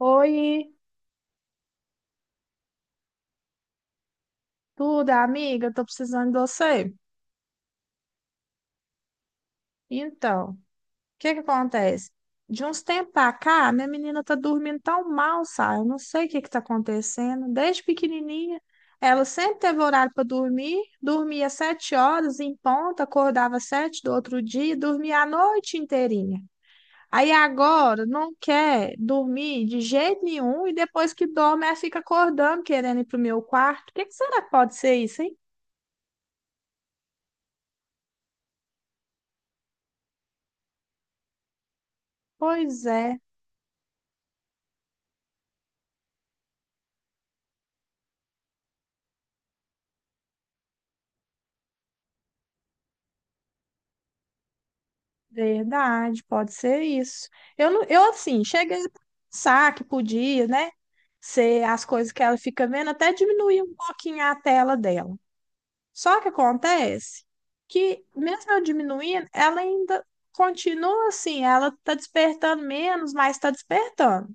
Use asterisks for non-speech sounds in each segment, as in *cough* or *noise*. Oi, tudo, amiga? Tô precisando de você. Então, o que que acontece? De uns tempos pra cá, minha menina tá dormindo tão mal, sabe? Eu não sei o que que tá acontecendo. Desde pequenininha, ela sempre teve horário para dormir, dormia 7 horas em ponta, acordava 7 do outro dia, e dormia a noite inteirinha. Aí agora não quer dormir de jeito nenhum e depois que dorme, ela fica acordando, querendo ir pro meu quarto. O que que será que pode ser isso, hein? Pois é. Verdade, pode ser isso. Eu, não- eu assim, cheguei a pensar que podia, né? Ser as coisas que ela fica vendo, até diminuir um pouquinho a tela dela. Só que acontece que, mesmo eu diminuindo, ela ainda continua assim, ela tá despertando menos, mas tá despertando.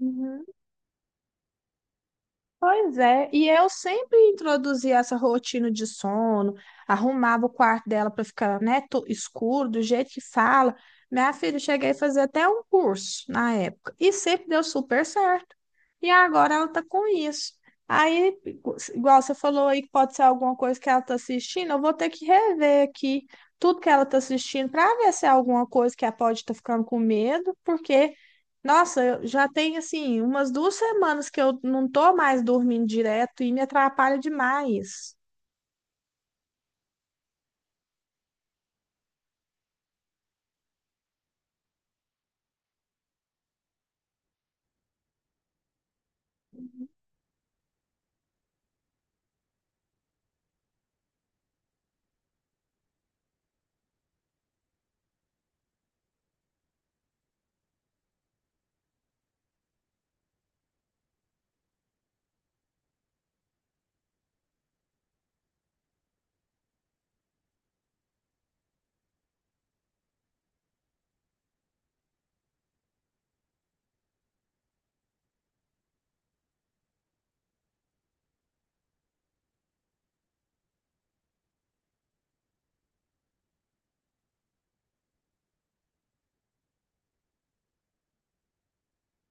Uhum. Pois é, e eu sempre introduzia essa rotina de sono, arrumava o quarto dela para ficar, né, escuro, do jeito que fala. Minha filha, eu cheguei a fazer até um curso na época, e sempre deu super certo. E agora ela tá com isso. Aí, igual você falou aí que pode ser alguma coisa que ela tá assistindo, eu vou ter que rever aqui tudo que ela tá assistindo para ver se é alguma coisa que ela pode estar ficando com medo, porque nossa, eu já tem assim umas 2 semanas que eu não tô mais dormindo direto e me atrapalha demais.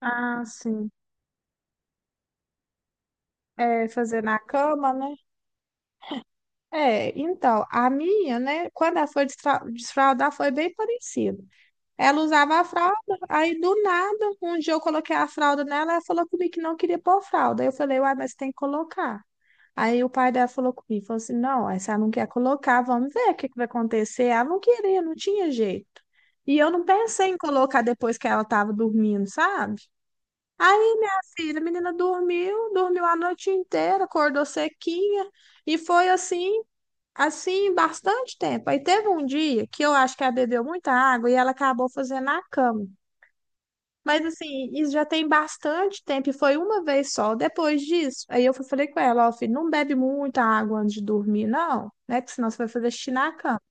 Ah, sim. É, fazer na cama, né? É, então, a minha, né, quando ela foi desfraldar, foi bem parecido. Ela usava a fralda, aí do nada, um dia eu coloquei a fralda nela, ela falou comigo que não queria pôr fralda. Aí eu falei, uai, mas tem que colocar. Aí o pai dela falou comigo, falou assim, não, aí se ela não quer colocar, vamos ver o que que vai acontecer. Ela não queria, não tinha jeito. E eu não pensei em colocar depois que ela estava dormindo, sabe? Aí, filha, a menina dormiu, dormiu a noite inteira, acordou sequinha, e foi bastante tempo. Aí teve um dia que eu acho que ela bebeu muita água e ela acabou fazendo a cama. Mas assim, isso já tem bastante tempo e foi uma vez só. Depois disso, aí eu falei com ela, ó, filho, não bebe muita água antes de dormir, não, né? Porque senão você vai fazer xixi na cama.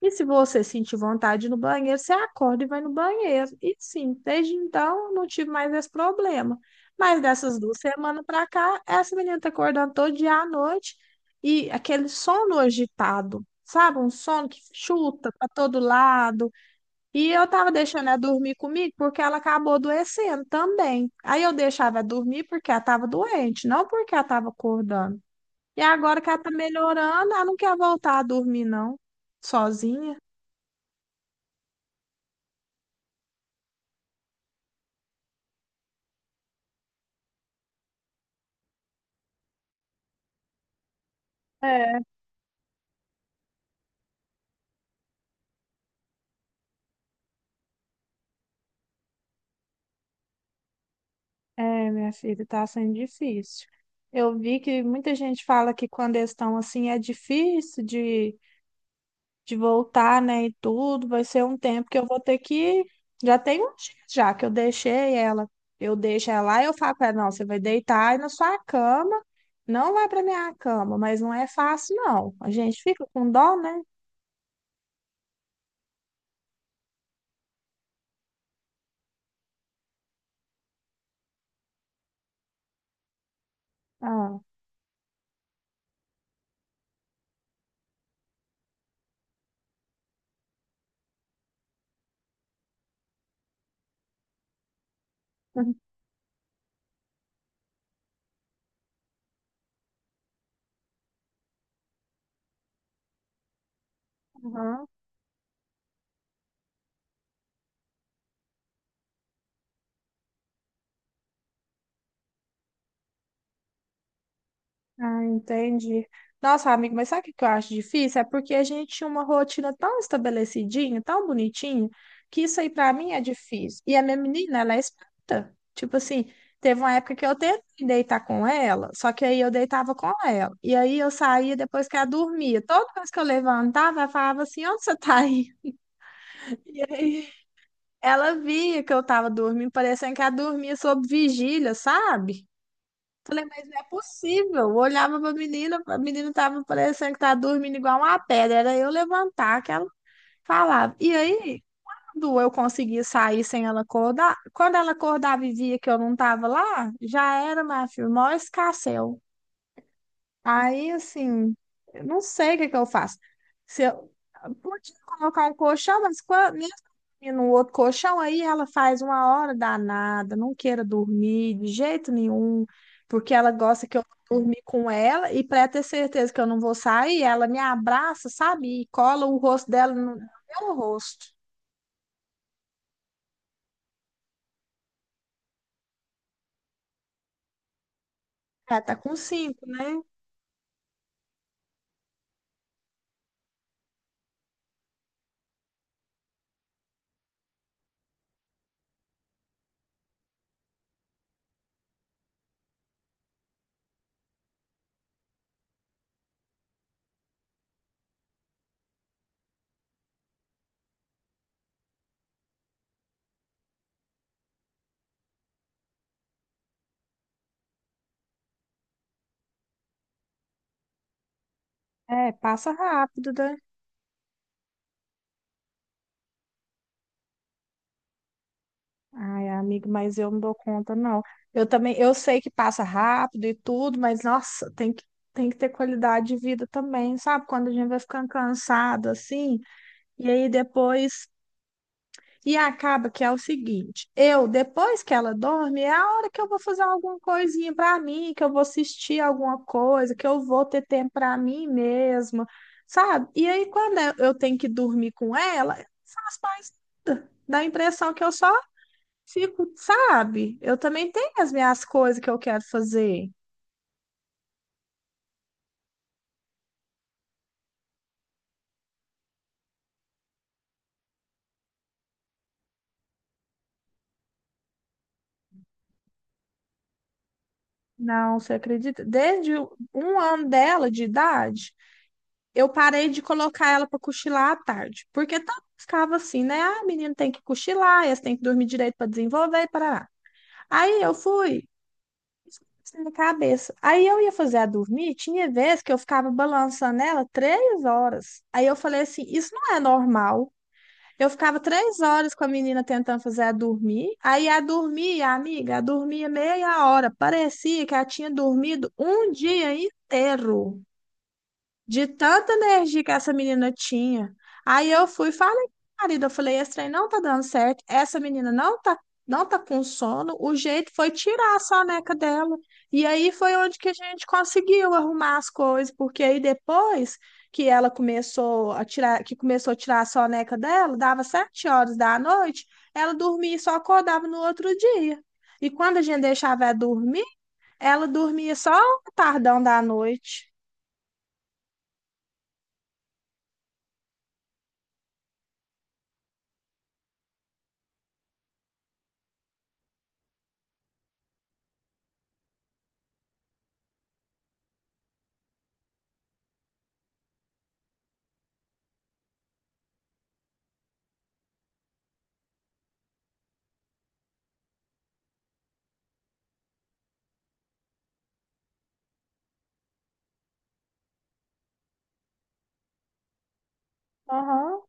E se você sentir vontade no banheiro, você acorda e vai no banheiro. E sim, desde então eu não tive mais esse problema. Mas dessas 2 semanas pra cá, essa menina tá acordando todo dia à noite e aquele sono agitado, sabe? Um sono que chuta pra todo lado e eu tava deixando ela dormir comigo porque ela acabou adoecendo também. Aí eu deixava ela dormir porque ela tava doente, não porque ela tava acordando. E agora que ela tá melhorando, ela não quer voltar a dormir, não, sozinha. É, é, minha filha, tá sendo difícil. Eu vi que muita gente fala que quando eles estão assim é difícil de voltar, né, e tudo, vai ser um tempo que eu vou ter que. Já tem um dia já que eu deixei ela. Eu deixo ela lá e eu falo pra ela, não, você vai deitar aí na sua cama, não vai pra minha cama, mas não é fácil, não. A gente fica com dó, né? Ah. *laughs* Aham. Ah, entendi. Nossa, amigo, mas sabe o que que eu acho difícil? É porque a gente tinha uma rotina tão estabelecidinha, tão bonitinha, que isso aí pra mim é difícil. E a minha menina, ela é esperta. Tipo assim, teve uma época que eu tentei deitar com ela, só que aí eu deitava com ela. E aí eu saía depois que ela dormia. Toda vez que eu levantava, ela falava assim: onde você tá aí? *laughs* E aí ela via que eu tava dormindo, parecendo que ela dormia sob vigília, sabe? Falei, mas não é possível. Eu olhava pra menina, a menina tava parecendo que tava dormindo igual uma pedra. Era eu levantar que ela falava. E aí, quando eu conseguia sair sem ela acordar, quando ela acordava e via que eu não tava lá, já era, minha filha, o maior escarcéu. Aí, assim, eu não sei o que que eu faço. Se eu podia colocar um colchão, mas quando, mesmo dormindo no outro colchão, aí ela faz uma hora danada, não queira dormir de jeito nenhum, porque ela gosta que eu dormir com ela e para ter certeza que eu não vou sair, ela me abraça, sabe? E cola o rosto dela no meu rosto. Ela tá com 5, né? É, passa rápido, né? Ai, amigo, mas eu não dou conta, não. Eu também, eu sei que passa rápido e tudo, mas nossa, tem que ter qualidade de vida também, sabe? Quando a gente vai ficando cansado assim, e aí depois. E acaba que é o seguinte: eu, depois que ela dorme, é a hora que eu vou fazer alguma coisinha pra mim, que eu vou assistir alguma coisa, que eu vou ter tempo pra mim mesma, sabe? E aí, quando eu tenho que dormir com ela, dá a impressão que eu só fico, sabe? Eu também tenho as minhas coisas que eu quero fazer. Não, você acredita? Desde 1 ano dela de idade, eu parei de colocar ela para cochilar à tarde, porque tanto ficava assim, né? Ah, menino tem que cochilar, eles têm que dormir direito para desenvolver e parará. Aí eu fui, isso na cabeça. Aí eu ia fazer a dormir, tinha vezes que eu ficava balançando ela 3 horas. Aí eu falei assim, isso não é normal. Eu ficava 3 horas com a menina tentando fazer ela dormir. Aí ela dormia, amiga, ela dormia meia hora. Parecia que ela tinha dormido um dia inteiro. De tanta energia que essa menina tinha. Aí eu fui e falei com o marido, eu falei, esse trem não tá dando certo, essa menina não tá, não tá com sono, o jeito foi tirar a soneca dela. E aí foi onde que a gente conseguiu arrumar as coisas, porque aí depois que começou a tirar a soneca dela, dava 7 horas da noite, ela dormia e só acordava no outro dia. E quando a gente deixava ela dormir, ela dormia só o tardão da noite. Aham.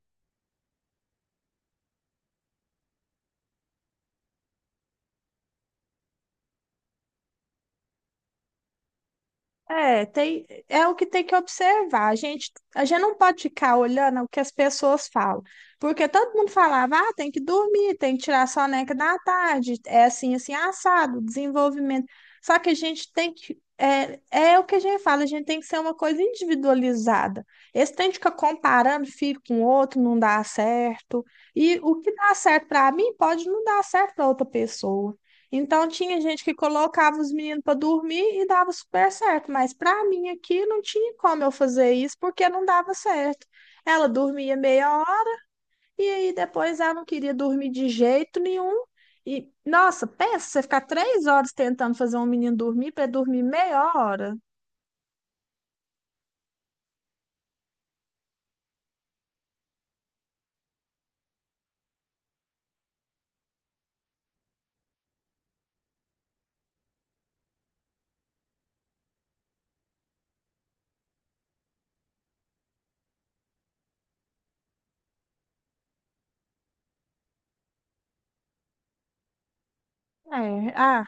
É, tem, é o que tem que observar. A gente não pode ficar olhando o que as pessoas falam, porque todo mundo falava, ah, tem que dormir, tem que tirar soneca da tarde, é assim, assim, assado, desenvolvimento. Só que a gente tem que, é, é o que a gente fala, a gente tem que ser uma coisa individualizada. Esse tem que ficar comparando filho com outro, não dá certo. E o que dá certo para mim pode não dar certo para outra pessoa. Então tinha gente que colocava os meninos para dormir e dava super certo, mas para mim aqui não tinha como eu fazer isso porque não dava certo. Ela dormia meia hora e aí depois ela não queria dormir de jeito nenhum. E nossa, pensa, você ficar 3 horas tentando fazer um menino dormir para dormir meia hora. É, ah,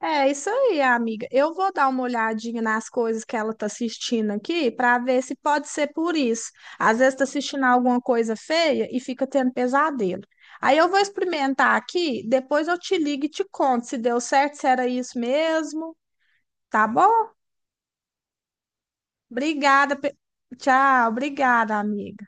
é isso aí, amiga. Eu vou dar uma olhadinha nas coisas que ela tá assistindo aqui para ver se pode ser por isso. Às vezes tá assistindo alguma coisa feia e fica tendo pesadelo. Aí eu vou experimentar aqui, depois eu te ligo e te conto se deu certo, se era isso mesmo, tá bom? Obrigada. Tchau, obrigada, amiga.